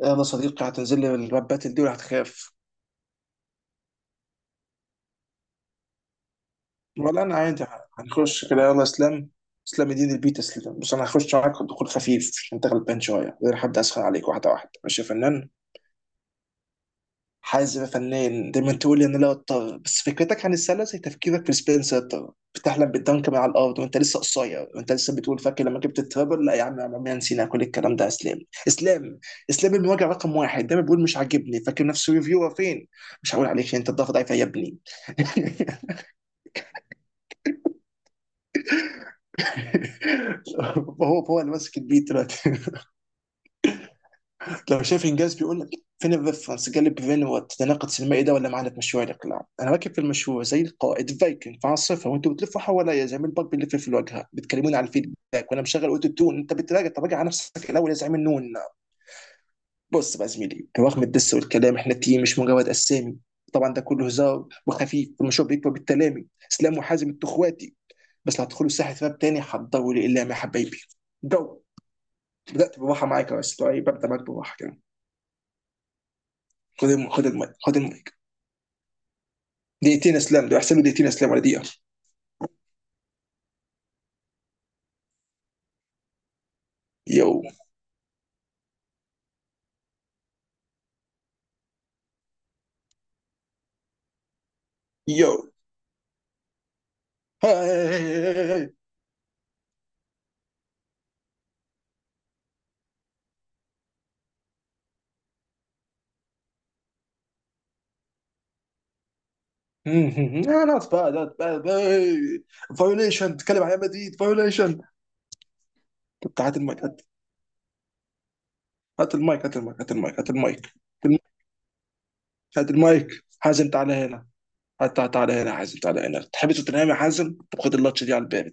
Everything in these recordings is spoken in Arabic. يلا صديقي، هتنزل لي الربات دي ولا هتخاف؟ ولا انا عادي. هنخش كده يلا اسلام. اسلام يدين البيت اسلام. بس انا هخش معاك دخول خفيف عشان انت غلبان شويه، غير حد اسخن عليك واحده واحده، ماشي يا فنان؟ حازم يا فنان دايما تقول لي ان لا اضطر، بس فكرتك عن السله زي تفكيرك في السبنسر، بتحلم بالدنك من على الارض وانت لسه قصير، وانت لسه بتقول فاكر لما جبت الترابل. لا يا عم يا عم، عمرنا نسينا كل الكلام ده يا اسلام. اسلام، اسلام المواجع رقم واحد، دايما بيقول مش عاجبني، فاكر نفسه ريفيور فين؟ مش هقول عليك انت الضغط ضعيف يا ابني. فهو اللي ماسك البيت دلوقتي. لو شايف انجاز بيقول لك فين الريفرنس، جالب بفين والتناقض السينمائي ده؟ ولا معانا في مشروع الاقلاع؟ انا راكب في المشروع زي القائد فايكنج في عاصفه، وانتوا بتلفوا حواليا زي ما الباك بيلف في الواجهه، بتكلموني على الفيدباك وانا مشغل اوتو تون. انت بتراجع؟ طب راجع على نفسك الاول يا زعيم النون. بص بقى يا زميلي، رغم الدس والكلام احنا تيم مش مجرد اسامي. طبعا ده كله هزار وخفيف، المشروع بيكبر بالتلامي. اسلام وحازم انتوا اخواتي، بس لو هتدخلوا ساحه راب تاني حضروا لي الا يا حبايبي. جو. بدات بباحه معاك يا اسطى إيه، ببدا معاك بباحه كده. خد المايك، خد المايك. دقيقتين اسلام ده احسن له، دقيقتين اسلام ولا دقيقه. يو. يو. هاي. نوت باد، نوت باد. فايوليشن، تتكلم عن ريال مدريد؟ فايوليشن. طب تعال هات المايك، هات. هات المايك، هات المايك، هات المايك، هات المايك، هات المايك. هات المايك، حازم تعالى هنا. هات، تعالى هنا حازم، تعالى هنا. تحب توتنهام يا حازم؟ طب خد اللاتش دي على الباب.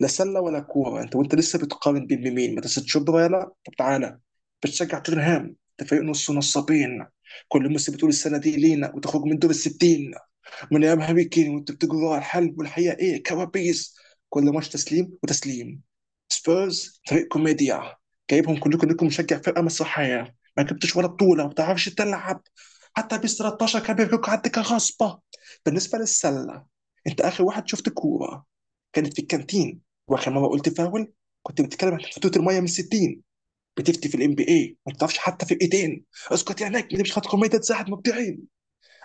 لا سله ولا كوره، انت وانت لسه بتقارن بين مين؟ مدرسه شبرا، طب تعالى. بتشجع توتنهام ده فريق نص نصابين، كل موسم بتقول السنه دي لينا وتخرج من دور الستين. من ايام هاري كين وانت بتجري ورا الحلب، والحقيقه ايه؟ كوابيس. كل ماتش تسليم وتسليم. سبيرز فريق كوميديا، جايبهم كلكم انكم مشجع فرقه مسرحيه، ما جبتش ولا بطوله، ما بتعرفش تلعب. حتى بيس 13 كان بيفكك عندك كغصبه. بالنسبه للسله، انت اخر واحد شفت كوره كانت في الكانتين، واخر مره قلت فاول كنت بتتكلم عن فتوت الميه من 60. بتفتي في الام بي اي ما بتعرفش حتى فرقتين، اسكت يا نجم، دي مش خط كوميديا تساعد مبدعيا.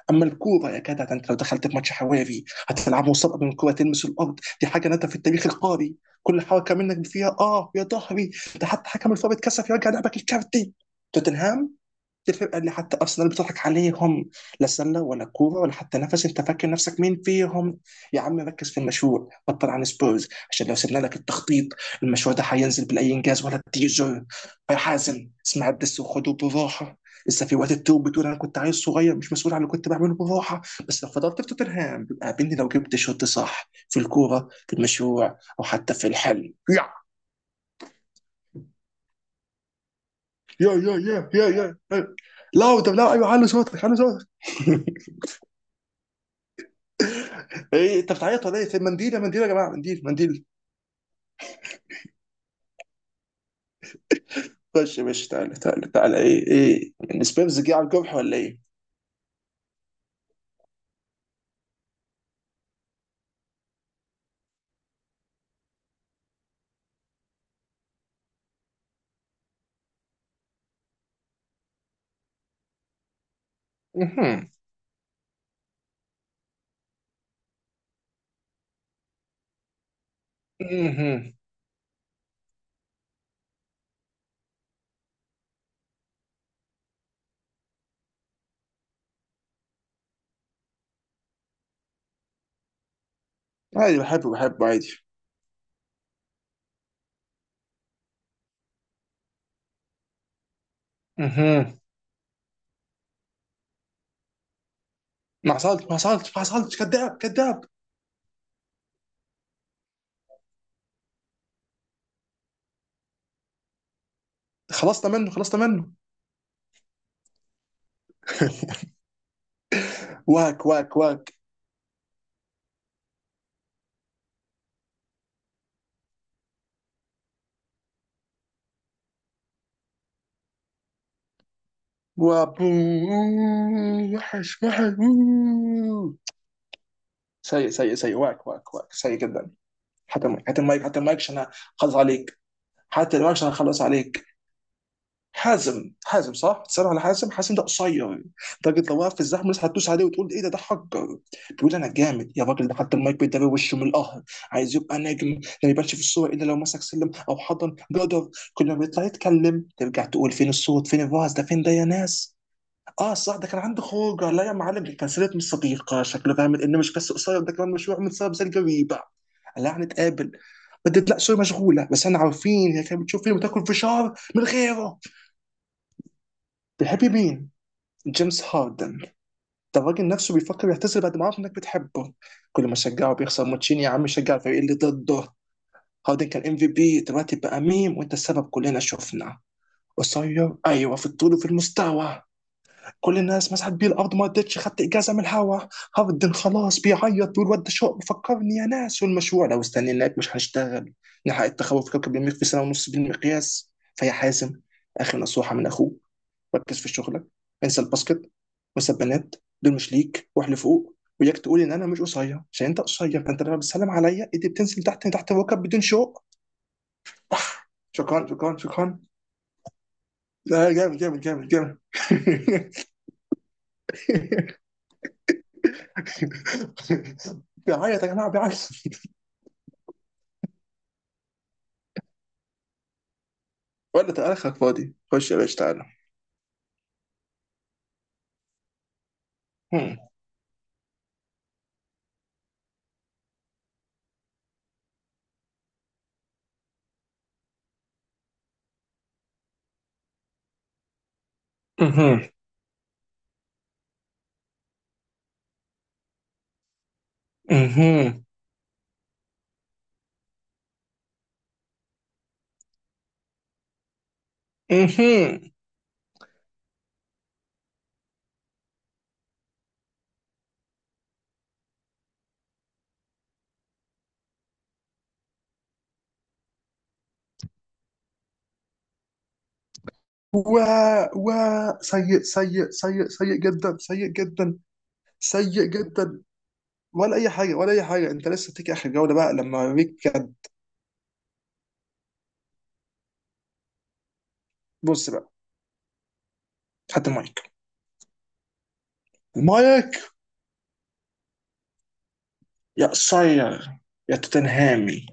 اما الكوره يا جدع، ده انت لو دخلت في ماتش حوافي هتلعبه وسط قبل ما الكوره تلمس الارض، دي حاجه نادره في التاريخ القاري. كل حركه منك فيها اه يا ظهري، ده حتى حكم الفار اتكسف يرجع لعبك الكارتي. توتنهام، الفرقه اللي حتى ارسنال بتضحك عليهم. لا سله ولا كوره ولا حتى نفس، انت فاكر نفسك مين فيهم؟ يا عم ركز في المشروع، بطل عن سبورز، عشان لو سيبنا لك التخطيط المشروع ده هينزل بالاي انجاز ولا التيزر. يا حازم اسمع الدس وخده بالراحه، لسه في وقت التوب، بتقول انا كنت عيل صغير مش مسؤول عن اللي كنت بعمله بالراحه. بس لو فضلت في توتنهام قابلني لو جبت شوط صح في الكوره، في المشروع او حتى في الحل. يا يا يا يا يا يا. لاو، طب لاو، ايوه، حلوا صوتك، حلوا صوتك. ايه انت بتعيط ولا ايه؟ في منديل؟ يا منديل يا جماعه، منديل، منديل. خش يا باشا، تعالى تعالى تعالى، ايه، ايه. السبيرز جه على الجرح ولا ايه؟ مهم. مهم. عادي بحبه بحبه عادي. مهم. ما حصلتش، ما حصلتش، ما حصلتش، كذاب، كذاب. خلصنا منه، خلصنا منه. واك واك واك. وابو. وحش وحش، أوه. سيء سيء سيء، واك واك واك، سيء جدا. حتى المايك، حتى المايك، حتى المايك عشان اخلص عليك. حتى المايك عشان اخلص عليك. حازم، حازم صح؟ بتسأل على حازم؟ حازم ده قصير، لدرجة لو وقف في الزحمة الناس هتدوس عليه وتقول ايه ده حجر. بيقول انا جامد يا راجل، ده حتى المايك بيداري وشه من القهر. عايز يبقى نجم لا يبانش في الصورة الا لو مسك سلم او حضن جدر. كل ما بيطلع يتكلم ترجع تقول فين الصوت، فين الوعظ ده، فين ده يا ناس؟ اه صح، ده كان عنده خروجه، لا يا معلم دي كانسلت من صديقه، شكله فاهم ان مش بس قصير ده كمان مشروع من سبب زي الجريبه. لا هنتقابل، بدت لا سوري مشغوله، بس احنا عارفين هي كانت بتشوف فيلم وتاكل فشار من غيره. بيحب مين؟ جيمس هاردن. ده الراجل نفسه بيفكر يعتزل بعد ما عرف انك بتحبه. كل ما شجعه بيخسر ماتشين، يا عم شجع الفريق اللي ضده. هاردن كان ام في بي، دلوقتي بقى ميم، وانت السبب كلنا شفنا. قصير ايوه في الطول وفي المستوى. كل الناس مسحت بيه الارض، ما رضتش خدت اجازه من الهوا. هاردن خلاص بيعيط، بيقول ود شوق فكرني يا ناس، والمشروع لو استنيناك مش هنشتغل. نحقق التخوف في كوكب المريخ في سنه ونص بالمقياس. فيا حازم، اخر نصيحه من اخوك: ركز في شغلك، انسى الباسكت، وانسى البنات، دول مش ليك، واحنا فوق وياك. تقول ان انا مش قصير عشان انت قصير، فانت لما بتسلم عليا ايدي بتنزل تحت، تحت الركب بدون شوق. شكرا شكرا شكرا. لا، جامد جامد جامد جامد. بيعيط يا جماعه، بيعيط. ولا، تعالى اخرك فاضي، خش يا باشا، تعالى. هم. مهم. مهم. مهم. و و. سيء سيء سيء، سيء جدا، سيء جدا، سيء جدا. ولا اي حاجه، ولا اي حاجه، انت لسه تيجي اخر جوله بقى لما اوريك كده. بص بقى، خدت مايك، مايك. يا قصير، يا توتنهامي،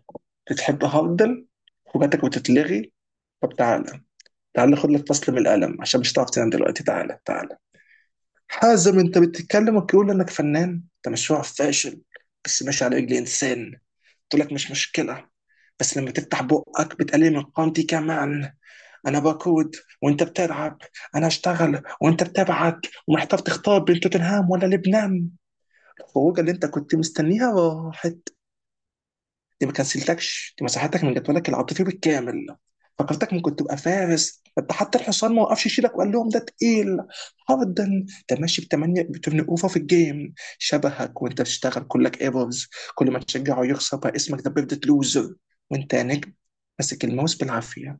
بتحب هاردن وجاتك وتتلغي؟ طب تعالى، تعالى خد لك فصل من القلم عشان مش هتعرف تنام دلوقتي، تعالى تعالى. حازم انت بتتكلم وتقول انك فنان، انت مشروع فاشل بس ماشي على رجل انسان. تقول لك مش مشكلة، بس لما تفتح بقك بتقلل من قيمتي كمان. انا بقود وانت بتلعب، انا اشتغل وانت بتبعك، ومحتاج تختار بين توتنهام ولا لبنان. الخروجه اللي انت كنت مستنيها راحت، دي ما كنسلتكش، دي مساحتك من جدولك العاطفي بالكامل. فكرتك ممكن تبقى فارس، انت حتى الحصان ما وقفش يشيلك وقال لهم ده تقيل. هاردن ده ماشي ب 8، ب 8 اوفر في الجيم، شبهك وانت بتشتغل كلك ايرورز. كل ما تشجعه يخسر، بقى اسمك ده بيفضل لوزر. وانت نجم، ماسك الماوس بالعافيه،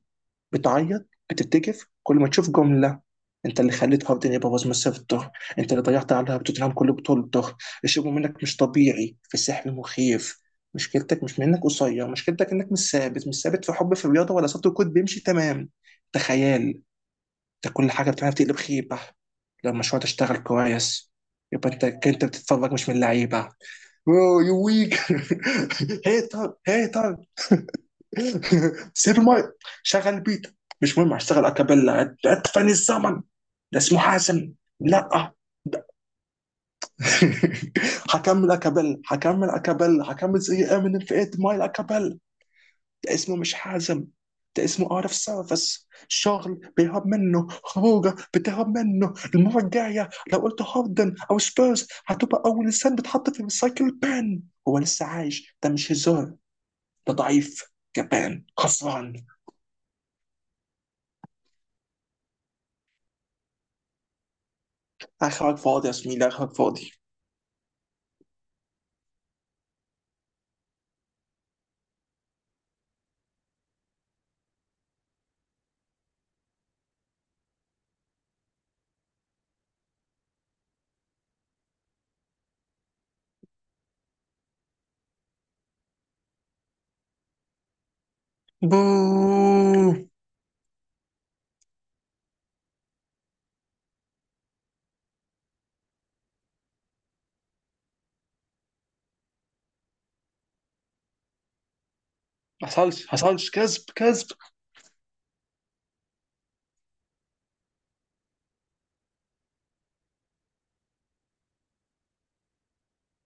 بتعيط بتتكف كل ما تشوف جمله. انت اللي خليت هاردن يبقى من الظهر، انت اللي ضيعت عليها بتوتنهام كل بطولته. الشغل منك مش طبيعي، في سحر مخيف. مشكلتك مش منك قصير، مشكلتك انك مش ثابت، مش ثابت في حب، في الرياضه، ولا صوت الكود بيمشي تمام. ده خيال، ده كل حاجه بتعملها بتقلب خيبه. لو المشروع تشتغل كويس يبقى انت، انت بتتفرج مش من اللعيبه. واو، يو ويك. هيتر، هيتر. سيف المايك. شغل بيت، مش مهم هشتغل اكابيلا. ادفن الزمن، ده اسمه حازم. لا. هكمل اكابيلا، هكمل اكابيلا، هكمل زي امينيم في 8 مايل اكابيلا. ده اسمه مش حازم، ده اسمه اوت اوف سيرفيس، شغل بيهرب منه، خروجه بتهرب منه. المره الجايه لو قلت هاردن او سبيرز هتبقى اول انسان بتحط في الريسايكل بان. هو لسه عايش؟ ده مش هزار، ده ضعيف، جبان، خسران. اخرك فاضي يا زميلي، اخرك فاضي. بو. ما حصلش، حصلش، كذب كذب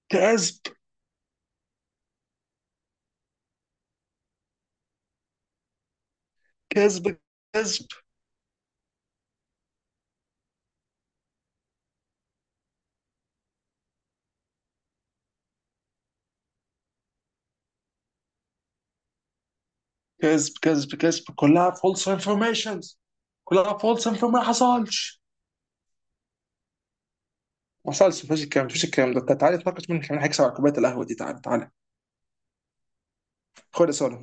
كذب كذب كذب كذب كذب كذب، كلها فولس انفورميشنز، كلها فولس انفورميشن، ما حصلش. ما حصلش، مفيش الكلام ده، مفيش الكلام ده. تعالى نتناقش مين كمان هيكسب على كوبايه القهوه دي، تعالى تعالى. خد يا سولو.